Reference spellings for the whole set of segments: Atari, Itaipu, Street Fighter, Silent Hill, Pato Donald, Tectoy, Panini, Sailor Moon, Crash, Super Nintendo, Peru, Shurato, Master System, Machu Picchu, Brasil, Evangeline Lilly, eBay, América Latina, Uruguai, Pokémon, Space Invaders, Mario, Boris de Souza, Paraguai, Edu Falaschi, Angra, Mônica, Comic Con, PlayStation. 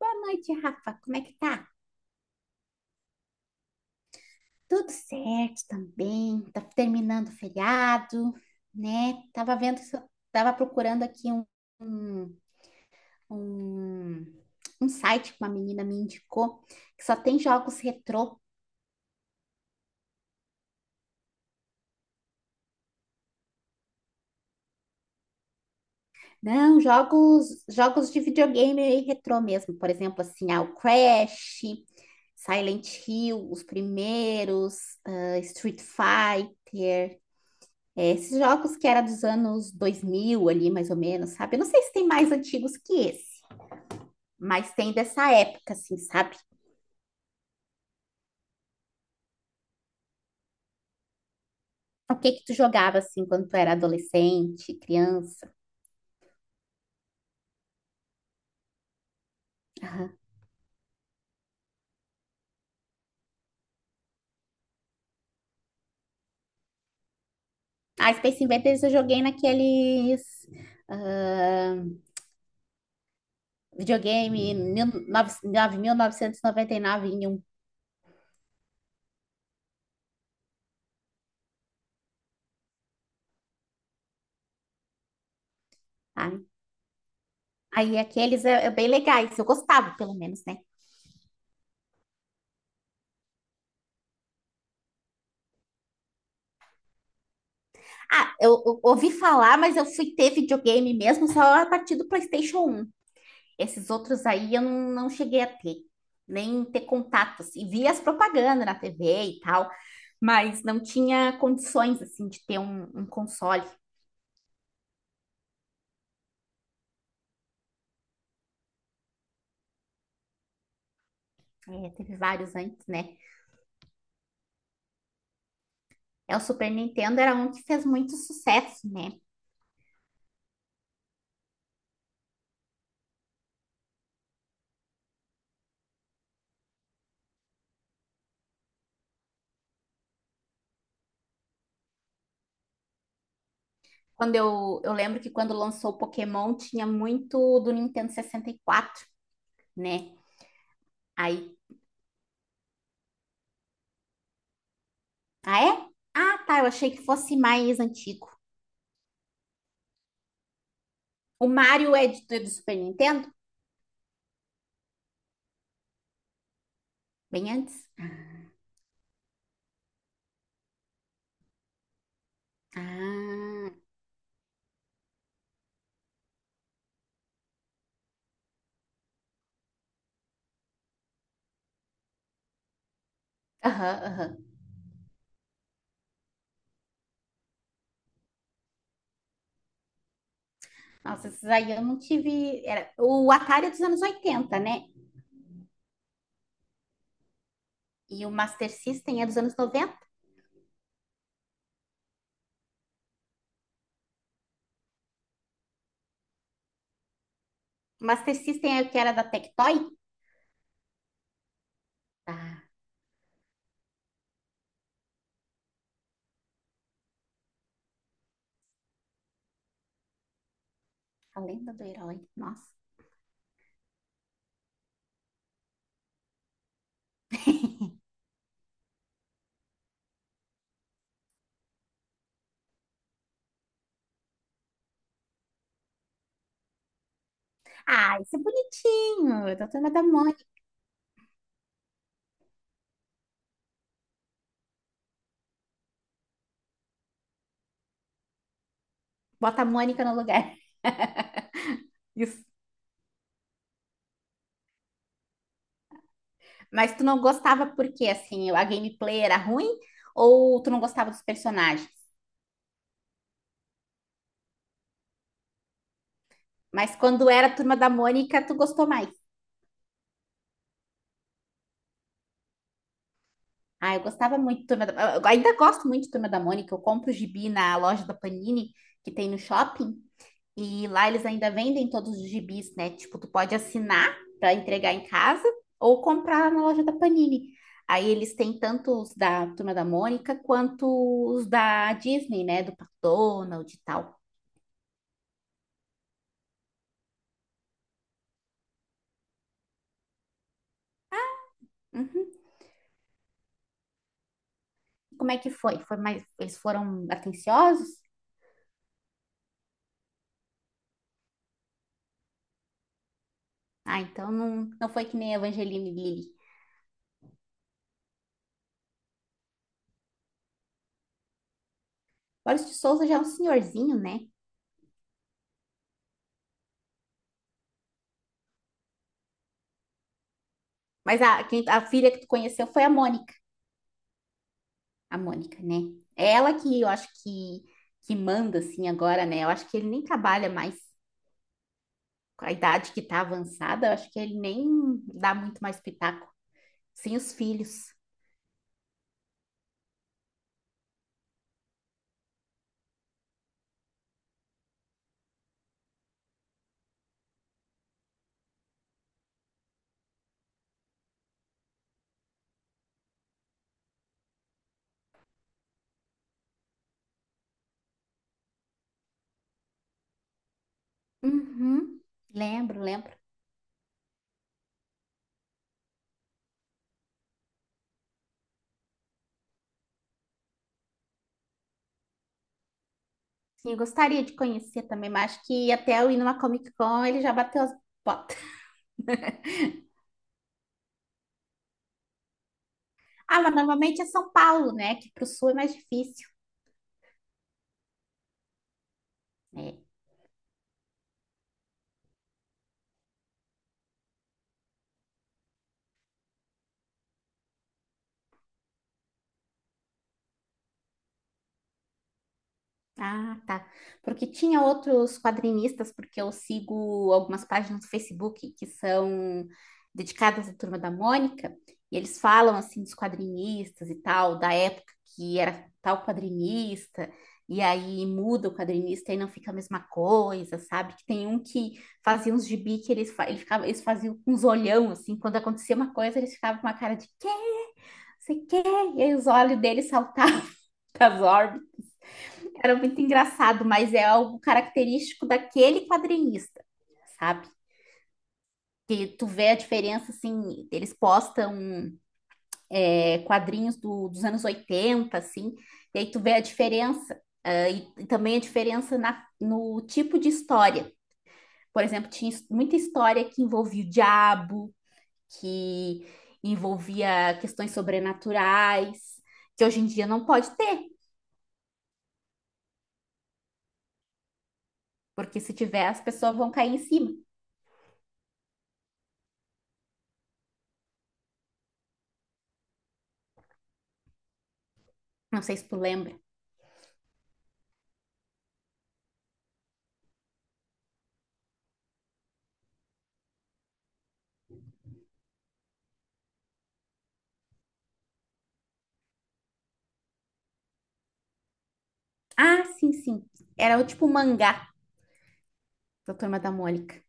Boa noite, Rafa. Como é que tá? Tudo certo também. Tá terminando o feriado, né? Tava vendo, se eu- tava procurando aqui um, um, um site que uma menina me indicou que só tem jogos retrô. Não, jogos de videogame aí retrô mesmo. Por exemplo, assim, o Crash, Silent Hill, os primeiros, Street Fighter. É, esses jogos que era dos anos 2000 ali, mais ou menos, sabe? Eu não sei se tem mais antigos que esse, mas tem dessa época, assim, sabe? O que que tu jogava, assim, quando tu era adolescente, criança? Aham. Ah, Space Invaders eu joguei naqueles ah, videogame 9.999 em um, sabe? Aí aqueles é bem legais, eu gostava, pelo menos, né? Ah, eu ouvi falar, mas eu fui ter videogame mesmo só a partir do PlayStation 1. Esses outros aí eu não cheguei a ter, nem ter contatos e via as propagandas na TV e tal, mas não tinha condições, assim, de ter um console. É, teve vários antes, né? É, o Super Nintendo era um que fez muito sucesso, né? Quando eu lembro que quando lançou o Pokémon, tinha muito do Nintendo 64, né? Aí, é? Ah, tá, eu achei que fosse mais antigo. O Mario é do Super Nintendo? Bem antes? Ah, aham, aham. Nossa, esses aí eu não tive. O Atari é dos anos 80, né? E o Master System é dos anos 90. O Master System é o que era da Tectoy? Ah, A Lenda do Herói. Nossa. Ah, isso é bonitinho. É da Turma da Mônica. Bota a Mônica no lugar. Isso. Mas tu não gostava porque, assim, a gameplay era ruim? Ou tu não gostava dos personagens? Mas quando era a Turma da Mônica, tu gostou mais? Ah, eu gostava muito de Turma da, eu ainda gosto muito de Turma da Mônica. Eu compro o gibi na loja da Panini, que tem no shopping, e lá eles ainda vendem todos os gibis, né? Tipo, tu pode assinar para entregar em casa ou comprar na loja da Panini. Aí eles têm tanto os da Turma da Mônica quanto os da Disney, né? Do Pato Donald e tal. Uhum. Como é que foi? Eles foram atenciosos? Ah, então não foi que nem a Evangeline Lilly. Boris de Souza já é um senhorzinho, né? Mas a filha que tu conheceu foi a Mônica. A Mônica, né? É ela que eu acho que manda, assim, agora, né? Eu acho que ele nem trabalha mais com a idade que tá avançada. Eu acho que ele nem dá muito mais pitaco. Sem os filhos. Uhum. Lembro, lembro. Sim, eu gostaria de conhecer também, mas acho que até eu ir numa Comic Con ele já bateu as botas. Ah, mas normalmente é São Paulo, né? Que pro sul é mais difícil. É, tá. Porque tinha outros quadrinistas, porque eu sigo algumas páginas do Facebook que são dedicadas à Turma da Mônica, e eles falam assim dos quadrinistas e tal, da época que era tal quadrinista, e aí muda o quadrinista e não fica a mesma coisa, sabe? Que tem um que fazia uns gibi que ele ficava, eles faziam uns olhão, assim, quando acontecia uma coisa, eles ficavam com uma cara de quê? Você quê? E aí os olhos deles saltavam das era muito engraçado, mas é algo característico daquele quadrinista, sabe? Que tu vê a diferença, assim, eles postam quadrinhos dos anos 80, assim, e aí tu vê a diferença, e também a diferença no tipo de história. Por exemplo, tinha muita história que envolvia o diabo, que envolvia questões sobrenaturais, que hoje em dia não pode ter, porque se tiver, as pessoas vão cair em cima. Não sei se tu lembra. Ah, sim, sim. Era o tipo mangá da Turma da Mônica.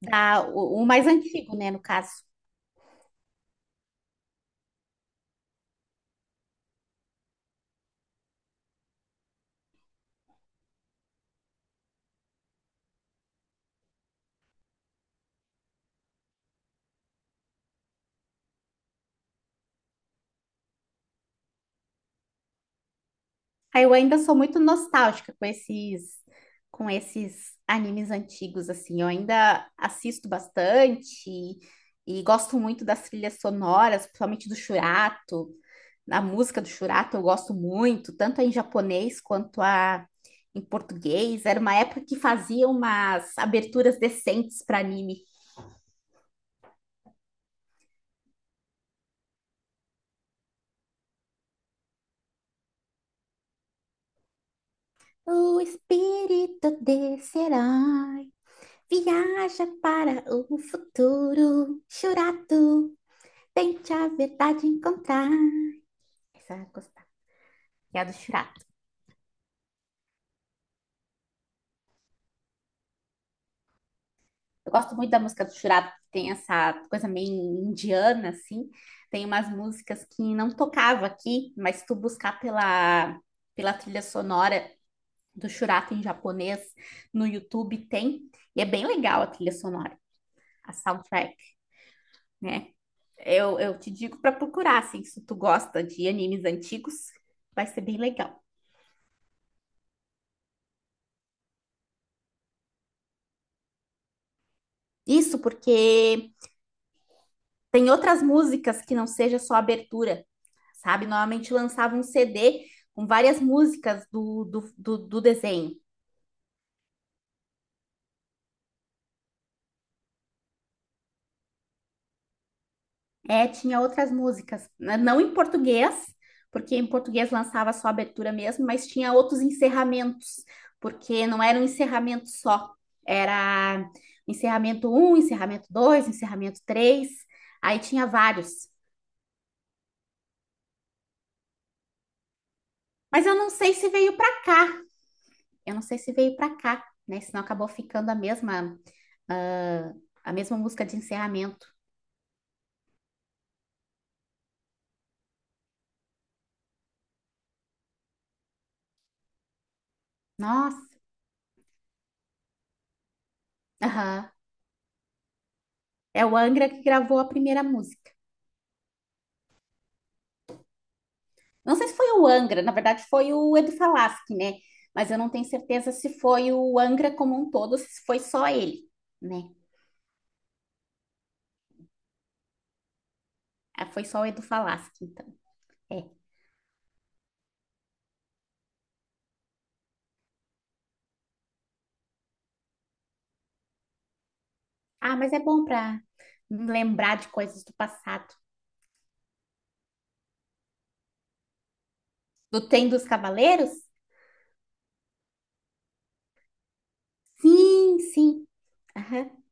O mais antigo, né, no caso. Aí eu ainda sou muito nostálgica com esses animes antigos, assim. Eu ainda assisto bastante e gosto muito das trilhas sonoras, principalmente do Shurato. A música do Shurato eu gosto muito, tanto a em japonês quanto a em português. Era uma época que fazia umas aberturas decentes para anime. O espírito desse herói viaja para o futuro. Churato, tente a verdade encontrar. Essa eu gostava, que é a do Churato. Eu gosto muito da música do Churato, que tem essa coisa meio indiana, assim. Tem umas músicas que não tocava aqui, mas se tu buscar pela trilha sonora do Churato em japonês no YouTube, tem. E é bem legal a trilha sonora, a soundtrack, né? Eu te digo para procurar, assim, se tu gosta de animes antigos, vai ser bem legal. Isso porque tem outras músicas que não seja só abertura, sabe? Normalmente lançava um CD com várias músicas do desenho. É, tinha outras músicas, né, não em português, porque em português lançava só a abertura mesmo, mas tinha outros encerramentos, porque não era um encerramento só, era encerramento um, encerramento 2, encerramento 3, aí tinha vários. Mas eu não sei se veio para cá, eu não sei se veio para cá, né? Senão acabou ficando ah, a mesma música de encerramento. Nossa, aham. É o Angra que gravou a primeira música. Não sei se foi o Angra, na verdade foi o Edu Falaschi, né? Mas eu não tenho certeza se foi o Angra como um todo, se foi só ele, né? Ah, foi só o Edu Falaschi, então. É. Ah, mas é bom para lembrar de coisas do passado. Do Tem dos Cavaleiros? Sim, sim. Aham.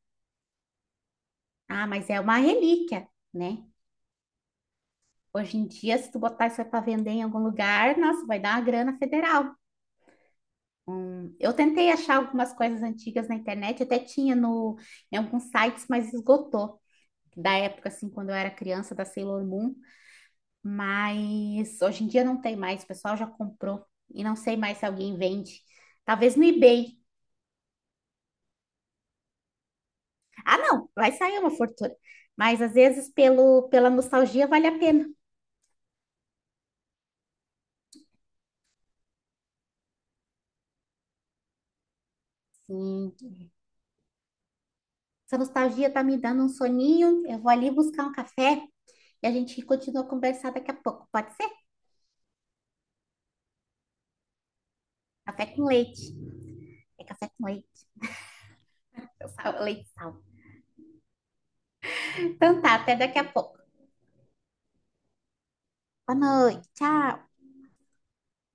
Ah, mas é uma relíquia, né? Hoje em dia, se tu botar isso aí para vender em algum lugar, nossa, vai dar uma grana federal. Eu tentei achar algumas coisas antigas na internet, até tinha no, em alguns sites, mas esgotou. Da época, assim, quando eu era criança, da Sailor Moon, mas hoje em dia não tem mais, o pessoal já comprou e não sei mais se alguém vende. Talvez no eBay. Ah, não, vai sair uma fortuna. Mas às vezes pela nostalgia vale a pena. Sim. Essa nostalgia tá me dando um soninho, eu vou ali buscar um café e a gente continua a conversar daqui a pouco, pode ser? Café com leite. É café com leite, leite sal. Então tá, até daqui a pouco. Boa noite, tchau.